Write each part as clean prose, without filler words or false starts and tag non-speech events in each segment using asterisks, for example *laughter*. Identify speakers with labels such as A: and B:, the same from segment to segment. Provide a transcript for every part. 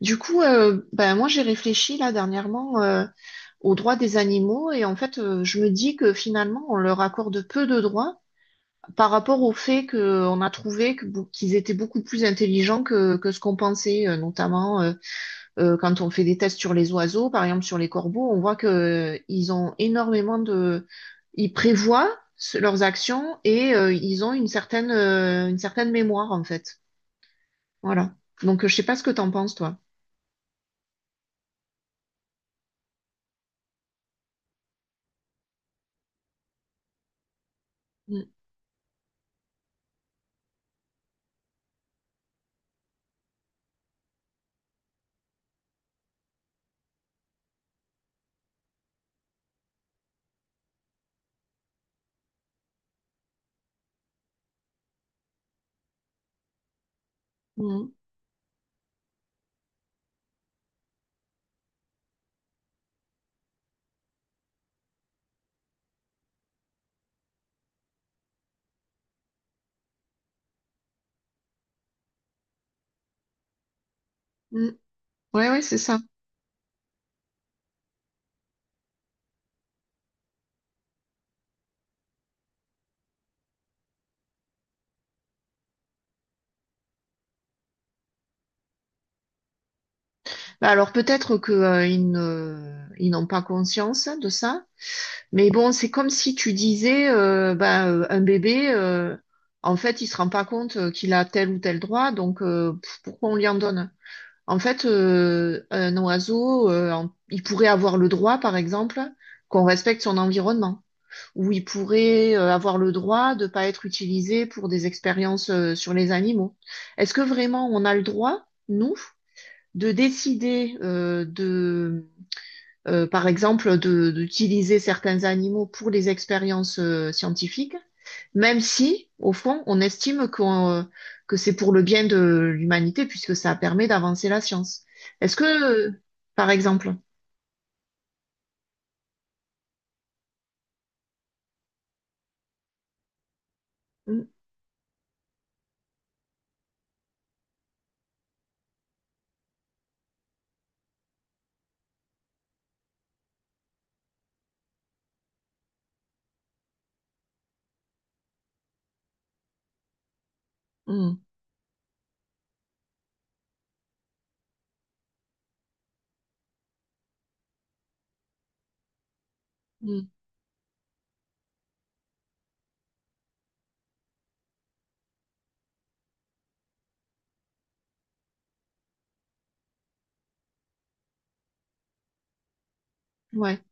A: Du coup, moi j'ai réfléchi là dernièrement aux droits des animaux. Et en fait je me dis que finalement on leur accorde peu de droits par rapport au fait qu'on a trouvé qu'ils étaient beaucoup plus intelligents que ce qu'on pensait, notamment quand on fait des tests sur les oiseaux, par exemple sur les corbeaux. On voit que ils ont énormément ils prévoient leurs actions, et ils ont une certaine mémoire en fait. Voilà. Donc je sais pas ce que t'en penses toi. Mm. Mm. Oui, oui, c'est ça. Alors peut-être que ils n'ont pas conscience de ça, mais bon, c'est comme si tu disais, un bébé, en fait, il se rend pas compte qu'il a tel ou tel droit. Donc pourquoi on lui en donne? En fait, un oiseau, il pourrait avoir le droit, par exemple, qu'on respecte son environnement, ou il pourrait avoir le droit de pas être utilisé pour des expériences sur les animaux. Est-ce que vraiment on a le droit, nous, de décider par exemple, d'utiliser certains animaux pour les expériences scientifiques, même si, au fond, on estime que c'est pour le bien de l'humanité, puisque ça permet d'avancer la science. Est-ce que, par exemple... Mm, mm, mm. Ouais,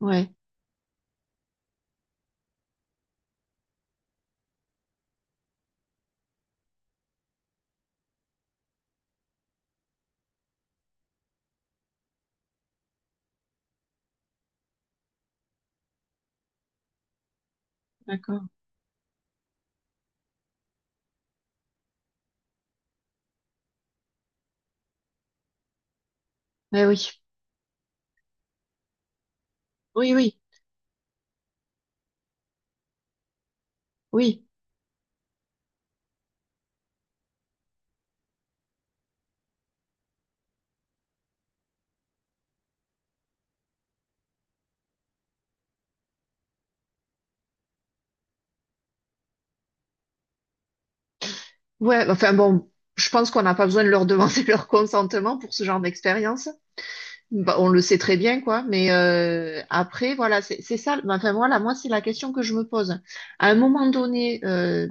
A: ouais, d'accord. Eh oui, oui, oui, oui, ouais. Enfin bon, je pense qu'on n'a pas besoin de leur demander *laughs* leur consentement pour ce genre d'expérience. Bah, on le sait très bien, quoi. Mais après, voilà, c'est ça. Enfin, voilà, moi, c'est la question que je me pose. À un moment donné, euh,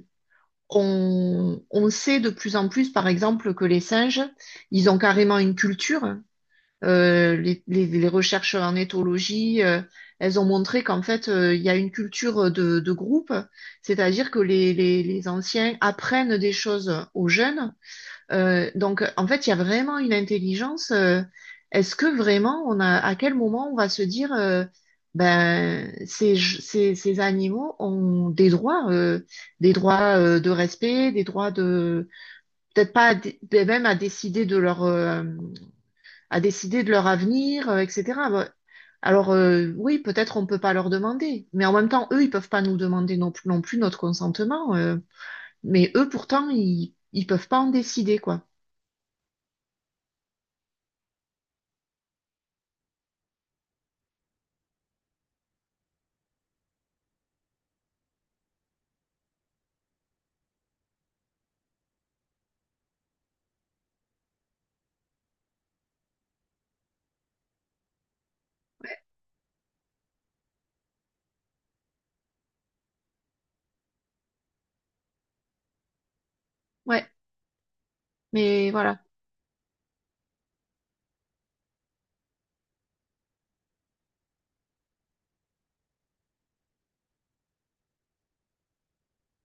A: on, on sait de plus en plus, par exemple, que les singes, ils ont carrément une culture. Les recherches en éthologie, elles ont montré qu'en fait, il y a une culture de groupe, c'est-à-dire que les anciens apprennent des choses aux jeunes, donc, en fait, il y a vraiment une intelligence. Est-ce que vraiment, à quel moment on va se dire, ces animaux ont des droits de respect, des droits peut-être pas, même à décider de leur, à décider de leur avenir, etc. Ben, oui, peut-être on peut pas leur demander, mais en même temps, eux, ils peuvent pas nous demander non plus, non plus notre consentement. Mais eux, pourtant, ils peuvent pas en décider, quoi. Ouais. Mais voilà,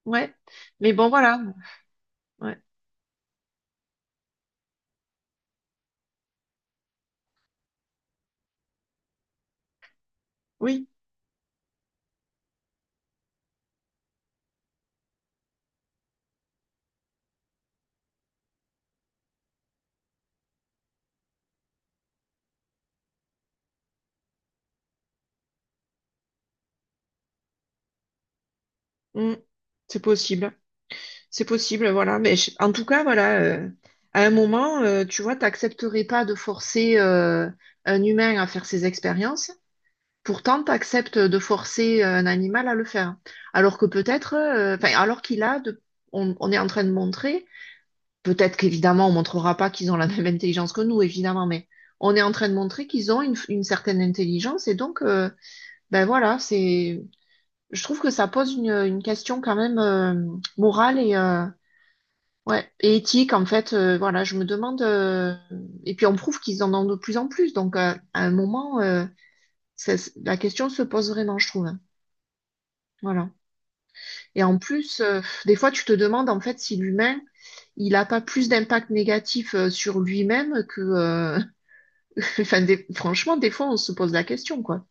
A: ouais. Mais bon, voilà, ouais. Oui. Mm. C'est possible. C'est possible, voilà. Mais en tout cas, voilà, à un moment, tu vois, t'accepterais pas de forcer un humain à faire ses expériences. Pourtant, t'acceptes de forcer un animal à le faire. Alors que peut-être, enfin, alors on est en train de montrer, peut-être qu'évidemment, on montrera pas qu'ils ont la *laughs* même intelligence que nous, évidemment, mais on est en train de montrer qu'ils ont une certaine intelligence. Et donc, ben voilà, c'est, je trouve que ça pose une question quand même morale ouais, et éthique, en fait. Voilà, je me demande. Et puis on prouve qu'ils en ont de plus en plus. Donc à un moment, ça- la question se pose vraiment, je trouve, hein. Voilà. Et en plus, des fois, tu te demandes en fait si l'humain, il n'a pas plus d'impact négatif sur lui-même que... *laughs* franchement, des fois, on se pose la question, quoi.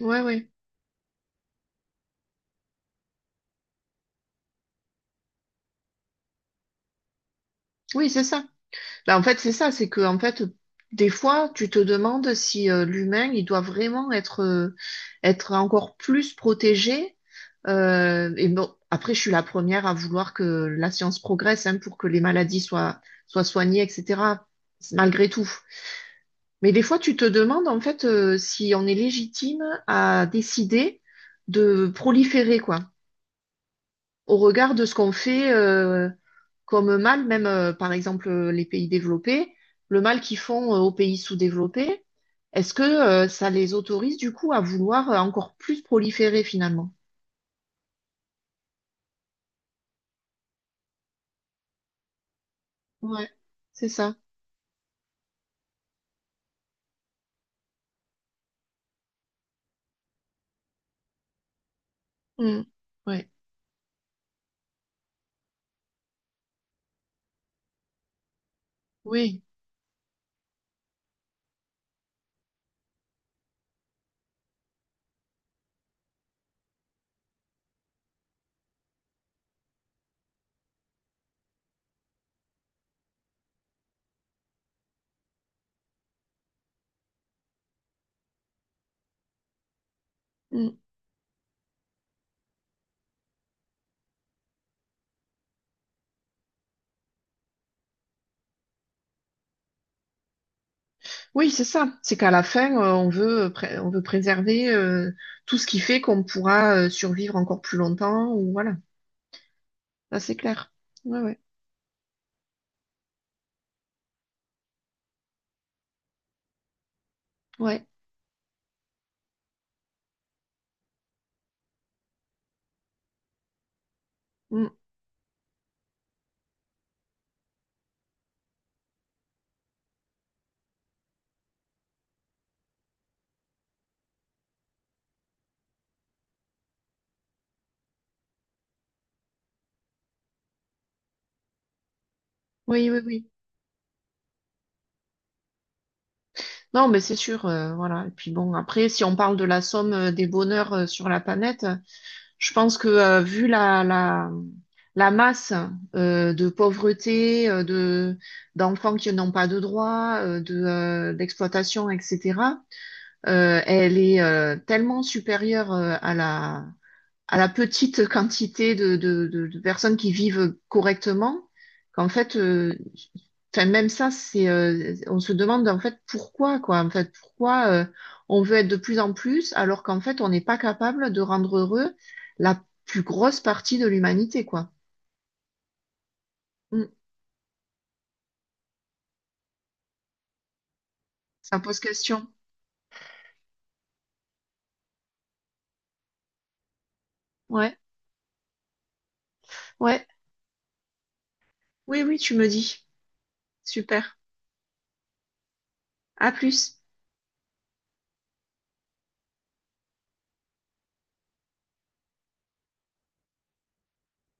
A: Ouais, ouais. Oui, c'est ça. Là, en fait, c'est ça, c'est que en fait, des fois, tu te demandes si l'humain, il doit vraiment être, être encore plus protégé. Et bon, après, je suis la première à vouloir que la science progresse, hein, pour que les maladies soient soignées, etc. Malgré tout. Mais des fois, tu te demandes en fait si on est légitime à décider de proliférer, quoi, au regard de ce qu'on fait. Comme mal, même par exemple les pays développés, le mal qu'ils font aux pays sous-développés, est-ce que ça les autorise du coup à vouloir encore plus proliférer finalement? Ouais, c'est ça. Mm. Ouais. Oui. Mm. Oui, c'est ça. C'est qu'à la fin, on veut, on veut préserver tout ce qui fait qu'on pourra survivre encore plus longtemps. Ou voilà, ça c'est clair. Ouais, ouais. Ouais. Mm. Oui, oui, oui. Non, mais c'est sûr, voilà. Et puis bon, après, si on parle de la somme des bonheurs sur la planète, je pense que vu la masse de pauvreté, d'enfants qui n'ont pas de droits, d'exploitation, etc., elle est tellement supérieure à la petite quantité de personnes qui vivent correctement, qu'en fait, enfin, même ça, c'est, on se demande en fait pourquoi, quoi. En fait, pourquoi on veut être de plus en plus alors qu'en fait, on n'est pas capable de rendre heureux la plus grosse partie de l'humanité, quoi. Mm. Ça pose question. Ouais, ouais. Oui, oui, tu me dis. Super. À plus.